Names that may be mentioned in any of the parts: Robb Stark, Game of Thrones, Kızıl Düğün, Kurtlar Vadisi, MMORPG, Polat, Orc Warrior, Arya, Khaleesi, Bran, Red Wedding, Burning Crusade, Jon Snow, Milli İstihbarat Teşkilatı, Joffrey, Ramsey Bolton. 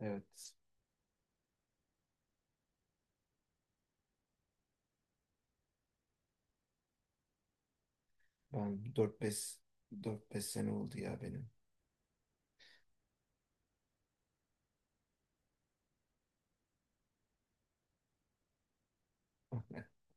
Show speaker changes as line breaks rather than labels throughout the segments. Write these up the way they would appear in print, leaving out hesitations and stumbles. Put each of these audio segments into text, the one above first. Evet. Ben dört beş sene oldu ya benim.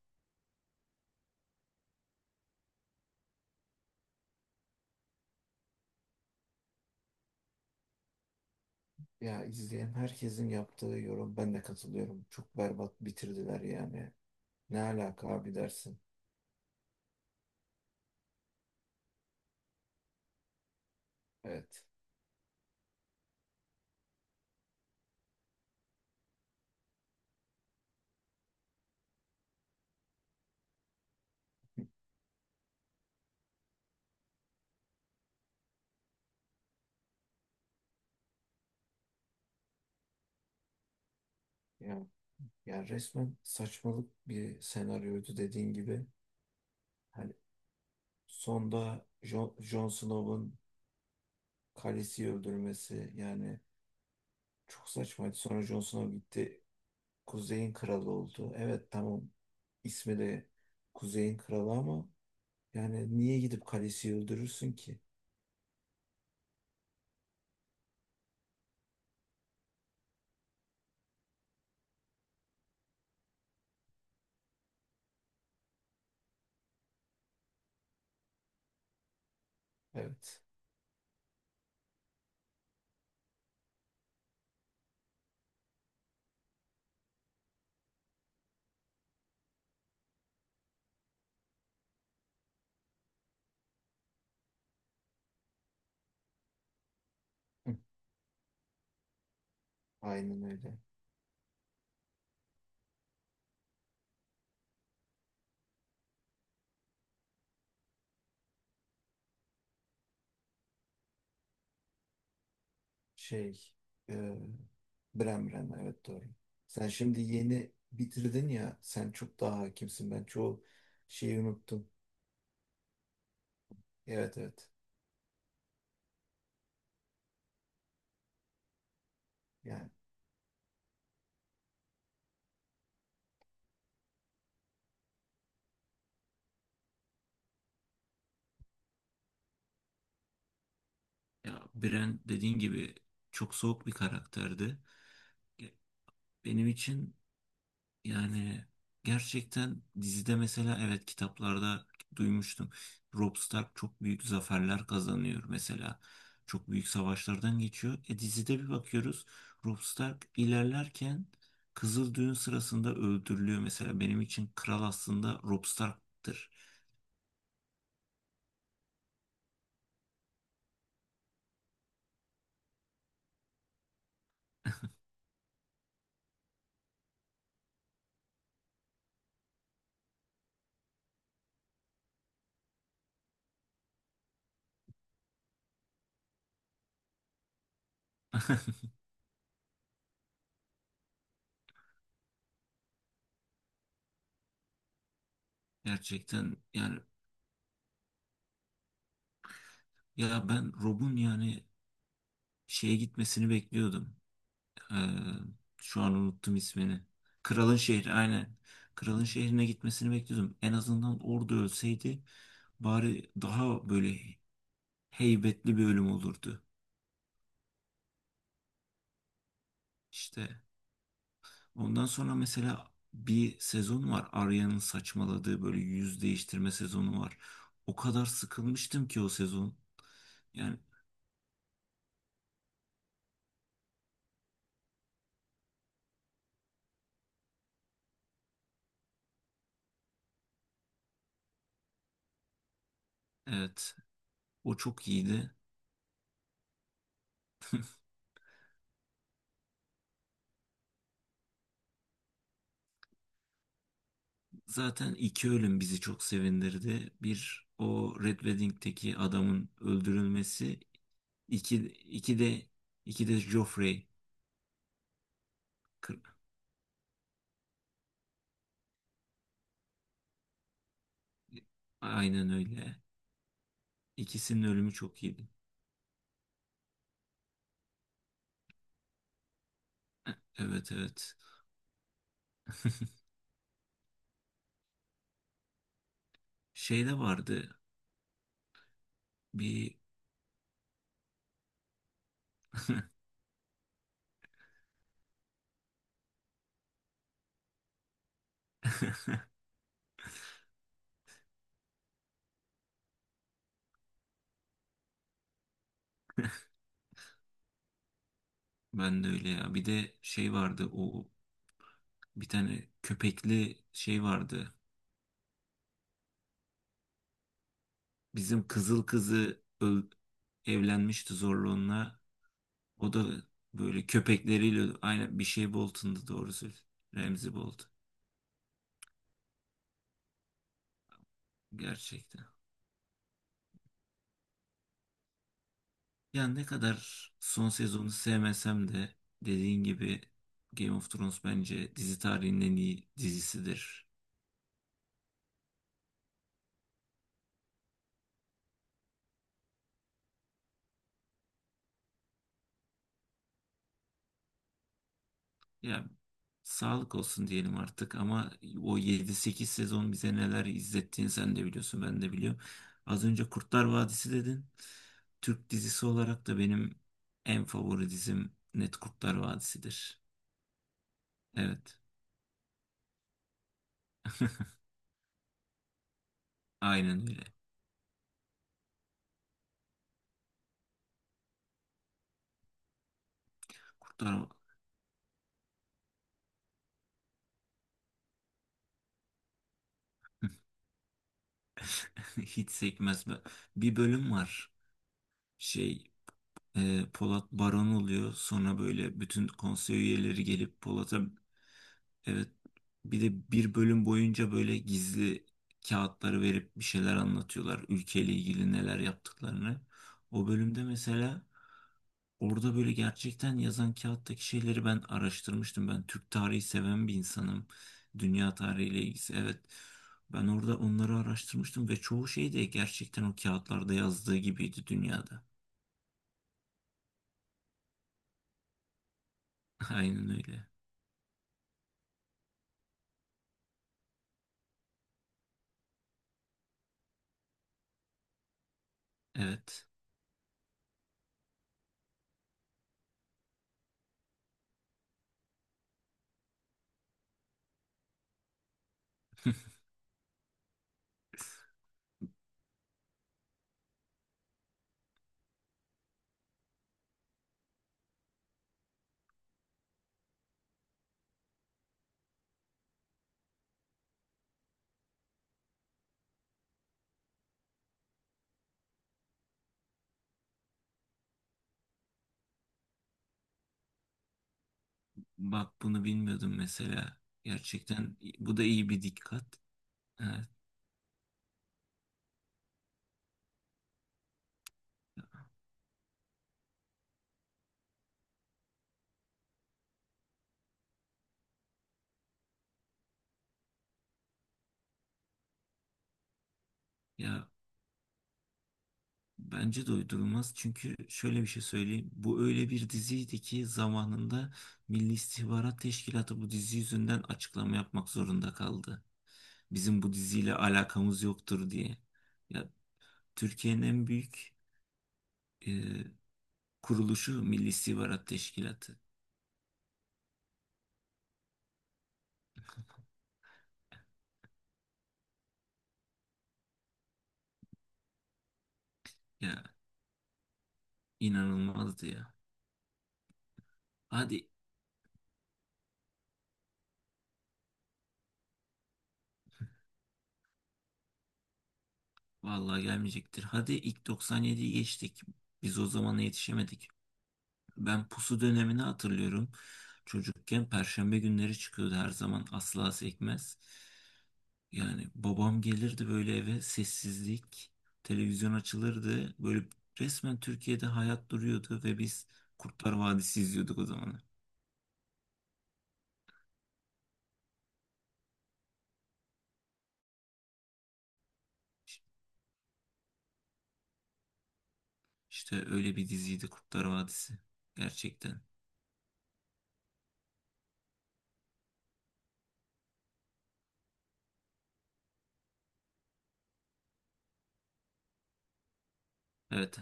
Ya, izleyen herkesin yaptığı yorum, ben de katılıyorum. Çok berbat bitirdiler yani. Ne alaka abi dersin. Evet. Ya Yani resmen saçmalık bir senaryoydu, dediğin gibi. Hani sonda Jon Snow'un Khaleesi'yi öldürmesi yani çok saçmaydı. Sonra Jon Snow gitti, Kuzey'in kralı oldu. Evet, tamam, ismi de Kuzey'in kralı, ama yani niye gidip Khaleesi'yi öldürürsün ki? Evet. Hı. Aynen öyle. Şey, e, Bran evet, doğru. Sen şimdi yeni bitirdin ya, sen çok daha hakimsin, ben çoğu şeyi unuttum. Evet evet. Yani. Ya, Bren dediğin gibi çok soğuk bir karakterdi. Ge-, benim için yani gerçekten dizide, mesela evet, kitaplarda duymuştum. Robb Stark çok büyük zaferler kazanıyor mesela. Çok büyük savaşlardan geçiyor. E, dizide bir bakıyoruz, Robb Stark ilerlerken Kızıl Düğün sırasında öldürülüyor mesela. Benim için kral aslında Robb Stark'tır. Gerçekten yani. Ya ben Rob'un yani şeye gitmesini bekliyordum. Ee, şu an unuttum ismini. Kralın şehri aynen. Kralın şehrine gitmesini bekliyordum. En azından orada ölseydi bari daha böyle heybetli bir ölüm olurdu. İşte ondan sonra mesela bir sezon var. Arya'nın saçmaladığı böyle yüz değiştirme sezonu var. O kadar sıkılmıştım ki o sezon. Yani evet, o çok iyiydi. Zaten iki ölüm bizi çok sevindirdi. Bir, o Red Wedding'teki adamın öldürülmesi. İki, iki de iki de Joffrey. Kır-, aynen öyle. İkisinin ölümü çok iyiydi. Evet evet. Şey de vardı. Bir ben de öyle ya. Bir de şey vardı. O, bir tane köpekli şey vardı. Bizim kızıl kızı öl-, evlenmişti zorla onunla. O da böyle köpekleriyle aynı, bir şey Bolton'du doğrusu. Ramsey Bolton. Gerçekten. Ya, ne kadar son sezonu sevmesem de, dediğin gibi, Game of Thrones bence dizi tarihinin en iyi dizisidir. Ya, sağlık olsun diyelim artık ama o yedi sekiz sezon bize neler izlettiğini sen de biliyorsun, ben de biliyorum. Az önce Kurtlar Vadisi dedin. Türk dizisi olarak da benim en favori dizim net Kurtlar Vadisi'dir. Evet. Aynen öyle. Kurtlar hiç sekmez be. Bir bölüm var. Şey, Polat Baron oluyor. Sonra böyle bütün konsey üyeleri gelip Polat'a. Evet. Bir de bir bölüm boyunca böyle gizli kağıtları verip bir şeyler anlatıyorlar. Ülkeyle ilgili neler yaptıklarını. O bölümde mesela orada böyle gerçekten yazan kağıttaki şeyleri ben araştırmıştım. Ben Türk tarihi seven bir insanım. Dünya tarihiyle ilgisi evet. Ben orada onları araştırmıştım ve çoğu şey de gerçekten o kağıtlarda yazdığı gibiydi dünyada. Aynen öyle. Evet. Bak, bunu bilmiyordum mesela. Gerçekten bu da iyi bir dikkat. Evet, ya bence de uydurulmaz, çünkü şöyle bir şey söyleyeyim. Bu öyle bir diziydi ki zamanında Milli İstihbarat Teşkilatı bu dizi yüzünden açıklama yapmak zorunda kaldı. Bizim bu diziyle alakamız yoktur diye. Ya, Türkiye'nin en büyük e, kuruluşu Milli İstihbarat Teşkilatı. Ya, inanılmazdı ya. Hadi vallahi gelmeyecektir. Hadi ilk 97'yi geçtik. Biz o zamana yetişemedik. Ben pusu dönemini hatırlıyorum. Çocukken perşembe günleri çıkıyordu her zaman, asla sekmez. Yani babam gelirdi böyle eve, sessizlik, televizyon açılırdı. Böyle resmen Türkiye'de hayat duruyordu ve biz Kurtlar Vadisi izliyorduk o zamanlar. İşte öyle bir diziydi Kurtlar Vadisi gerçekten. Evet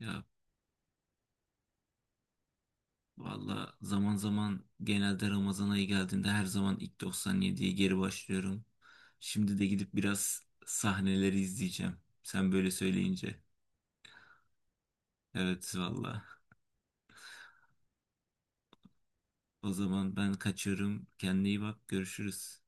ya. Valla zaman zaman, genelde Ramazan ayı geldiğinde, her zaman ilk 97'ye geri başlıyorum. Şimdi de gidip biraz sahneleri izleyeceğim. Sen böyle söyleyince. Evet valla. O zaman ben kaçıyorum. Kendine iyi bak. Görüşürüz.